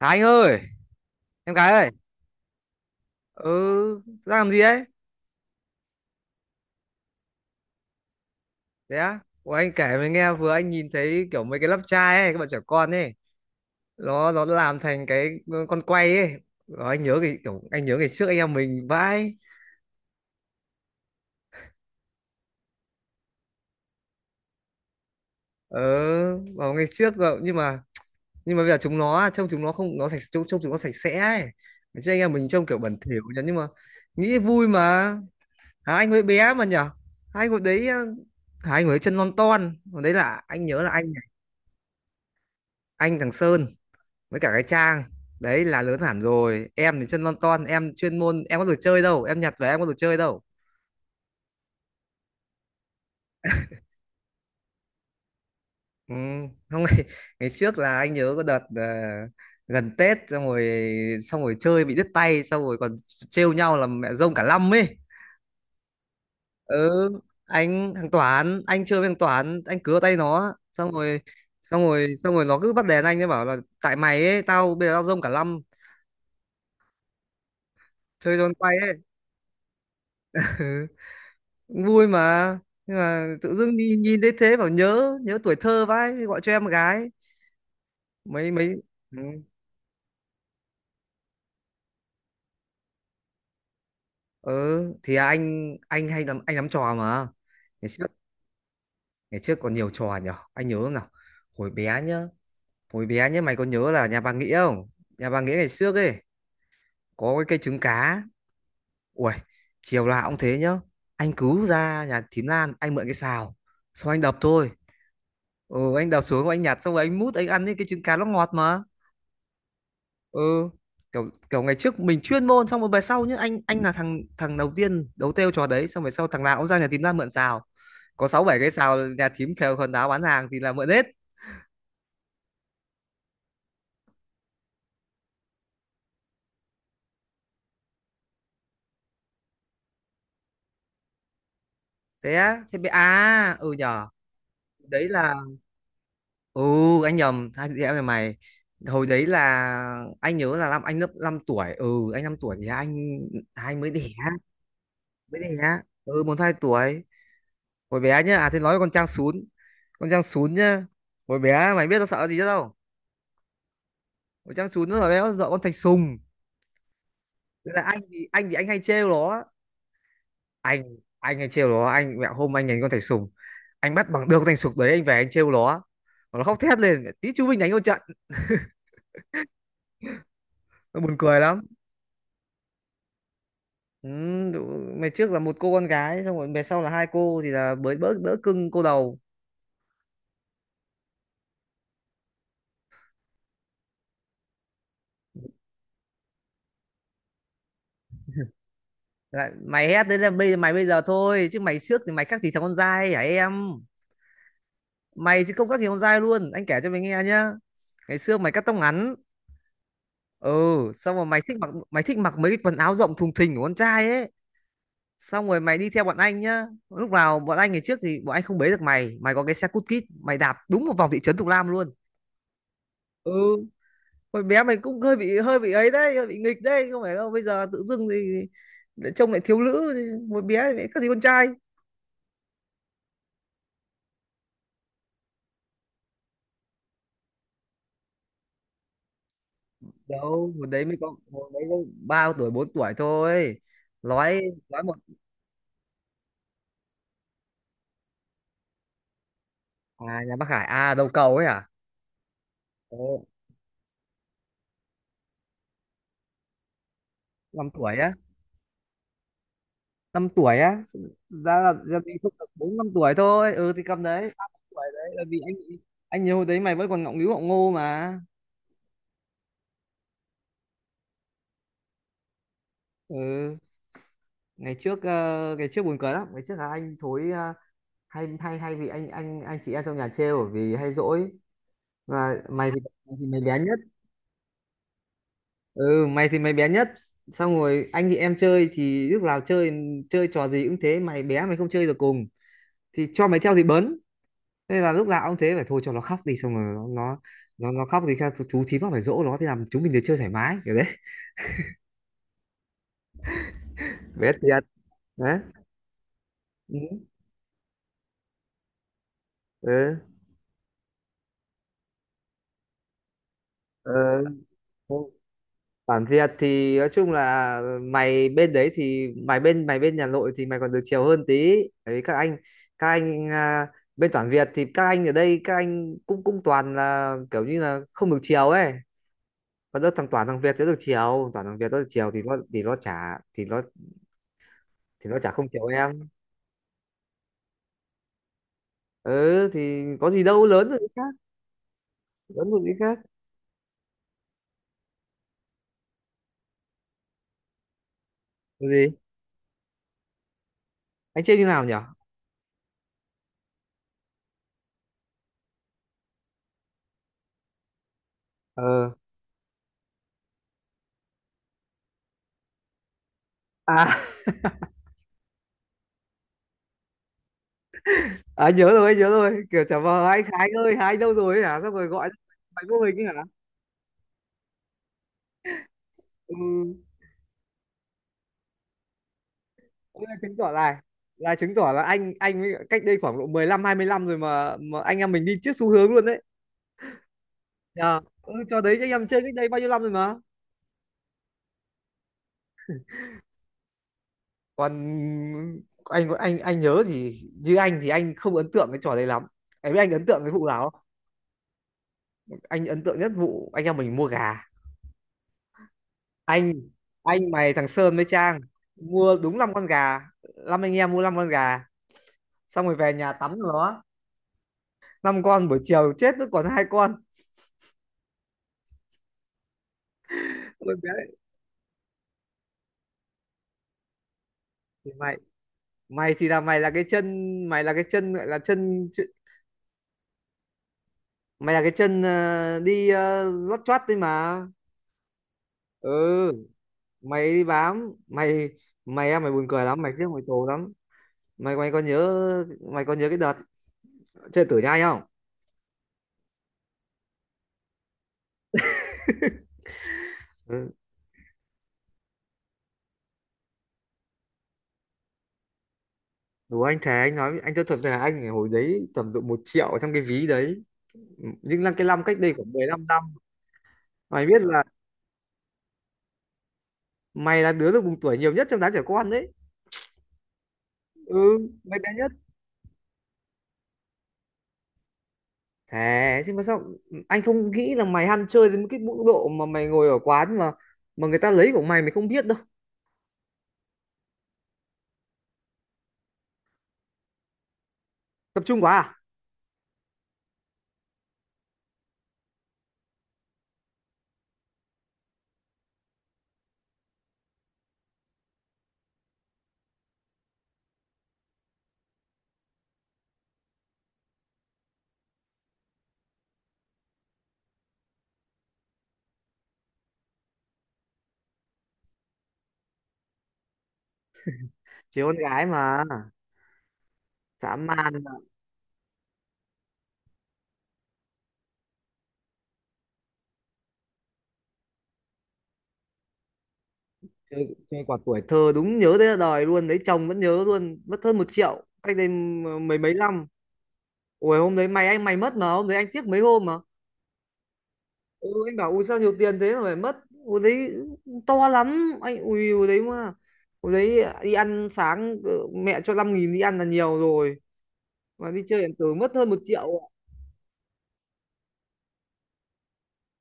À anh ơi, em gái ơi. Ừ, đang làm gì ấy? Thế á? Ủa, anh kể mới nghe, vừa anh nhìn thấy kiểu mấy cái lắp chai ấy, các bạn trẻ con ấy. Nó làm thành cái con quay ấy. Rồi anh nhớ cái kiểu, anh nhớ ngày trước anh em mình vãi. Ờ, vào ngày trước rồi, nhưng mà bây giờ chúng nó trông, chúng nó không, nó sạch, trông chúng nó sạch sẽ ấy. Ngày trước anh em mình trông kiểu bẩn thỉu nhỉ, nhưng mà nghĩ vui mà. Hả, anh hồi bé mà nhở? Anh hồi đấy hả? Anh hồi đấy chân non ton. Hồi đấy là anh nhớ là anh thằng Sơn với cả cái trang đấy là lớn hẳn rồi, em thì chân lon ton, em chuyên môn em có được chơi đâu, em nhặt về em có được chơi đâu. Ừ. Không, ngày trước là anh nhớ có đợt gần Tết, xong rồi chơi bị đứt tay, xong rồi còn trêu nhau là mẹ rông cả năm ấy. Ừ, anh thằng Toán, anh chơi với thằng Toán, anh cứa tay nó xong rồi nó cứ bắt đèn anh, ấy bảo là tại mày ấy, tao bây giờ tao rông cả năm. Chơi cho con quay ấy. Vui mà. Nhưng mà tự dưng đi nhìn thấy thế, bảo nhớ nhớ tuổi thơ vãi, gọi cho em một gái. Mấy mấy Ừ. Ừ thì anh hay lắm, anh lắm trò mà. Ngày trước ngày trước còn nhiều trò nhở, anh nhớ không nào? Hồi bé nhá, hồi bé nhá, mày có nhớ là nhà bà Nghĩa không? Nhà bà Nghĩa ngày trước ấy có cái cây trứng cá. Ui, chiều là cũng thế nhá, anh cứ ra nhà Thím Lan anh mượn cái xào, xong anh đập thôi. Ừ, anh đập xuống, anh nhặt xong rồi anh mút anh ăn ấy, cái trứng cá nó ngọt mà. Ừ, kiểu kiểu ngày trước mình chuyên môn, xong rồi về sau nhá, anh là thằng thằng đầu tiên đấu têu trò đấy, xong về sau thằng nào cũng ra nhà thím ra mượn xào. Có sáu bảy cái xào nhà thím khều khần đáo bán hàng thì là mượn hết. Thế á? Thế bị à? Ừ nhở. Đấy là, ừ, anh nhầm hai chị em nhà mày. Hồi đấy là anh nhớ là năm anh lớp 5 tuổi. Ừ, anh 5 tuổi thì anh hai mới đẻ. Mới đẻ. Ừ, một hai tuổi. Hồi bé nhá. À, thế nói con Trang Sún, con Trang Sún nhá, hồi bé mày biết nó sợ gì chứ đâu. Con Trang Sún nó là béo dọa con Thạch Sùng. Thế là anh thì anh hay trêu nó, anh anh hay trêu nó. Anh, mẹ, hôm anh đánh con Thạch Sùng, anh bắt bằng được con Thạch Sùng đấy, anh về anh trêu nó khóc thét lên, tí chú Vinh đánh con trận. Nó buồn cười lắm. Ừ, mày trước là một cô con gái, xong rồi mày sau là hai cô thì là mới bớt, đỡ cưng cô đầu. Lại, mày hét đấy là bây giờ, mày bây giờ thôi, chứ mày trước thì mày khác gì thằng con dai hả em? Mày thì không khác gì con dai luôn, anh kể cho mày nghe nhá. Ngày xưa mày cắt tóc ngắn, ừ, xong rồi mày thích mặc mấy cái quần áo rộng thùng thình của con trai ấy, xong rồi mày đi theo bọn anh nhá. Lúc nào bọn anh, ngày trước thì bọn anh không bế được mày, mày có cái xe cút kít mày đạp đúng một vòng thị trấn Thục Lam luôn. Ừ, hồi bé mày cũng hơi bị ấy đấy, hơi bị nghịch đấy, không phải đâu bây giờ tự dưng thì lại trông lại thiếu nữ thì hồi bé thì lại các thì con trai. Đâu, hồi đấy mới ba tuổi bốn tuổi thôi. Nói nói một. À, nhà bác Hải à, đầu cầu ấy à? Ồ, năm tuổi á? Năm tuổi á? Ra là ra thì không được, bốn năm tuổi thôi. Ừ thì cầm đấy ba năm tuổi đấy, bởi vì anh nhớ hồi đấy mày vẫn còn ngọng nghíu ngọng ngô mà. Ừ, ngày trước, ngày trước buồn cười lắm, ngày trước là anh thối, hay hay hay vì anh chị em trong nhà trêu bởi vì hay dỗi mà. Mày thì mày bé nhất. Ừ, mày thì mày bé nhất, xong rồi anh thì em chơi thì lúc nào chơi chơi trò gì cũng thế, mày bé mày không chơi được cùng thì cho mày theo thì bấn, nên là lúc nào ông thế phải thôi cho nó khóc đi, xong rồi nó khóc thì sao chú thím nó phải dỗ nó, thì làm chúng mình được chơi thoải mái kiểu đấy biết thiệt đấy. Ừ. Ừ, ừ. Bản Việt thì nói chung là mày bên đấy thì mày bên nhà nội thì mày còn được chiều hơn tí. Tại vì các anh bên toàn Việt thì các anh ở đây các anh cũng cũng toàn là kiểu như là không được chiều ấy, còn đâu thằng, toàn thằng Việt thì nó được chiều, toàn thằng Việt nó được chiều thì nó chả thì nó, thì nó chả không chiều em. Ừ, thì có gì đâu, lớn rồi cái khác, lớn rồi cái khác. Có gì? Anh chơi như nào nhỉ? ờ À, à nhớ rồi, anh nhớ rồi, kiểu chả vờ anh Khánh ơi, Khánh đâu rồi ấy hả, xong rồi gọi máy vô hình ấy hả. Ừ, thế là chứng tỏ là anh mới cách đây khoảng độ 15-20 năm rồi mà anh em mình đi trước xu hướng luôn đấy. Nhờ. Ừ, cho đấy anh em chơi cách đây bao nhiêu năm rồi mà. Còn anh, anh nhớ thì như anh thì anh không ấn tượng cái trò đấy lắm. Em biết anh ấn tượng cái vụ nào không? Anh ấn tượng nhất vụ anh em mình mua gà. Anh anh mày, thằng Sơn với Trang, mua đúng 5 con gà, năm anh em mua 5 con gà, xong rồi về nhà tắm nó, năm con buổi chiều chết nó còn hai con. Ôi bé thì mày mày thì là mày là cái chân gọi là chân chứ- mày là cái chân đi lót choát đấy mà. Ừ, mày đi bám mày, mày em mày buồn cười lắm, mày tiếc mày tù lắm. Mày mày có nhớ mày có nhớ cái đợt chơi tử nhai không? Ừ. Đúng, anh Thế, anh nói anh tôi thật là anh hồi đấy tầm độ 1 triệu trong cái ví đấy, nhưng là cái năm cách đây khoảng 15 năm, mày biết là mày là đứa được mùng tuổi nhiều nhất trong đám trẻ con đấy. Ừ, mày bé nhất, thế chứ mà sao anh không nghĩ là mày ham chơi đến cái mức độ mà mày ngồi ở quán mà người ta lấy của mày mày không biết đâu. Tập trung quá à? Chỉ con gái mà dã man mà. Chơi quả tuổi thơ đúng nhớ tới đời luôn đấy, chồng vẫn nhớ luôn, mất hơn 1 triệu cách đây mấy mấy năm. Ủa hôm đấy mày, anh mày mất mà hôm đấy anh tiếc mấy hôm mà. Ừ, anh bảo ui sao nhiều tiền thế mà phải mất. Hồi đấy to lắm anh ui, hồi đấy mà, hồi đấy đi ăn sáng mẹ cho 5.000 đi ăn là nhiều rồi, mà đi chơi điện tử mất hơn 1 triệu ạ.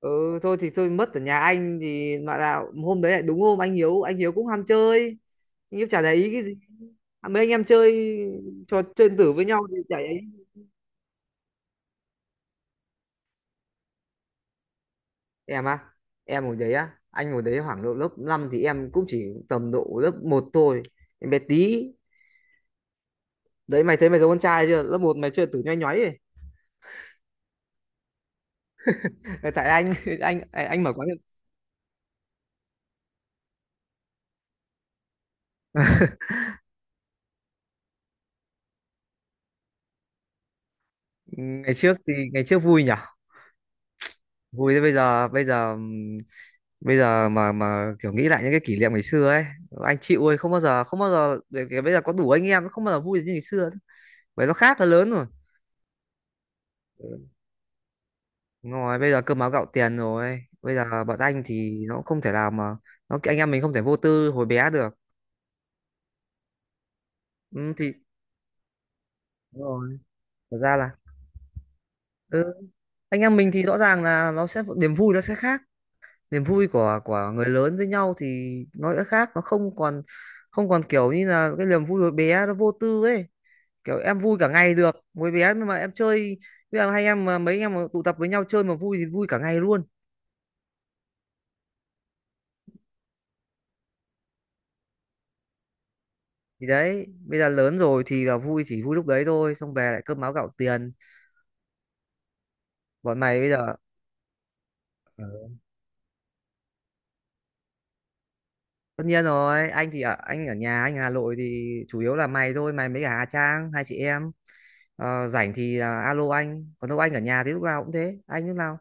Ừ thôi, thì thôi, mất ở nhà anh thì, mà là hôm đấy lại đúng hôm anh Hiếu cũng ham chơi, anh Hiếu chả để ý cái gì. À, mấy anh em chơi trò chơi điện tử với nhau thì chả để ý. Em à, em hồi đấy á, anh hồi đấy khoảng độ lớp 5 thì em cũng chỉ tầm độ lớp một thôi, em bé tí. Đấy, mày thấy mày có con trai chưa lớp một mày chưa tử nhoay nhoáy ấy. Tại anh. anh mở quán. Ngày trước thì ngày trước vui nhở, vui thế. Bây giờ, bây giờ mà kiểu nghĩ lại những cái kỷ niệm ngày xưa ấy, anh chịu ơi, không bao giờ, không bao giờ để bây giờ có đủ anh em không bao giờ vui như ngày xưa, bởi nó khác, nó lớn rồi. Đúng rồi, bây giờ cơm áo gạo tiền rồi, bây giờ bọn anh thì nó không thể nào mà nó, anh em mình không thể vô tư hồi bé được. Ừ, thì đúng rồi, thật ra là. Ừ, anh em mình thì rõ ràng là nó sẽ, niềm vui nó sẽ khác, niềm vui của người lớn với nhau thì nó đã khác, nó không còn kiểu như là cái niềm vui hồi bé nó vô tư ấy. Kiểu em vui cả ngày được hồi bé nhưng mà em chơi. Bây giờ hai em mà mấy em mà tụ tập với nhau chơi mà vui thì vui cả ngày luôn. Thì đấy, bây giờ lớn rồi thì là vui chỉ vui lúc đấy thôi, xong về lại cơm áo gạo tiền. Bọn mày bây giờ. Ờ, tất nhiên rồi, anh thì ở, anh ở nhà anh ở Hà Nội thì chủ yếu là mày thôi, mày mấy cả Hà Trang hai chị em. Ờ, rảnh thì là alo anh, còn đâu anh ở nhà thì lúc nào cũng thế, anh lúc nào.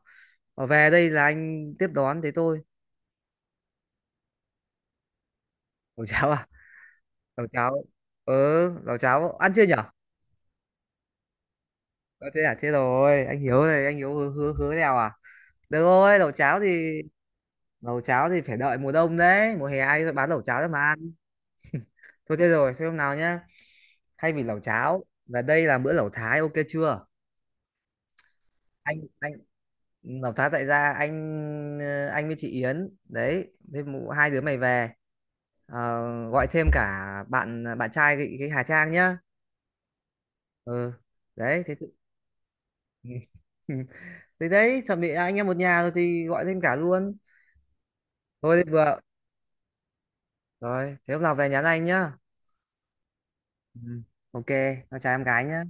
Ờ, về đây là anh tiếp đón thế thôi. Lẩu cháo à? Lẩu cháo. Ừ, lẩu cháo ăn chưa nhở? Ờ, thế à, thế rồi anh Hiếu này, anh Hiếu hứa, hứa hứa đèo à? Được rồi, lẩu cháo thì phải đợi mùa đông đấy, mùa hè ai bán lẩu cháo cho mà ăn. Thôi thế rồi thế hôm nào nhá, thay vì lẩu cháo và đây là bữa lẩu Thái, ok chưa? Anh lẩu Thái tại gia, anh với chị Yến đấy, thế hai đứa mày về. Ờ, gọi thêm cả bạn bạn trai cái Hà Trang nhá. Ừ. Đấy thế thì thế đấy, chuẩn bị anh em một nhà rồi thì gọi thêm cả luôn. Thôi thế vừa rồi thế hôm nào về nhắn anh nhá. Ừ. Ok. Nó chào em gái nhá.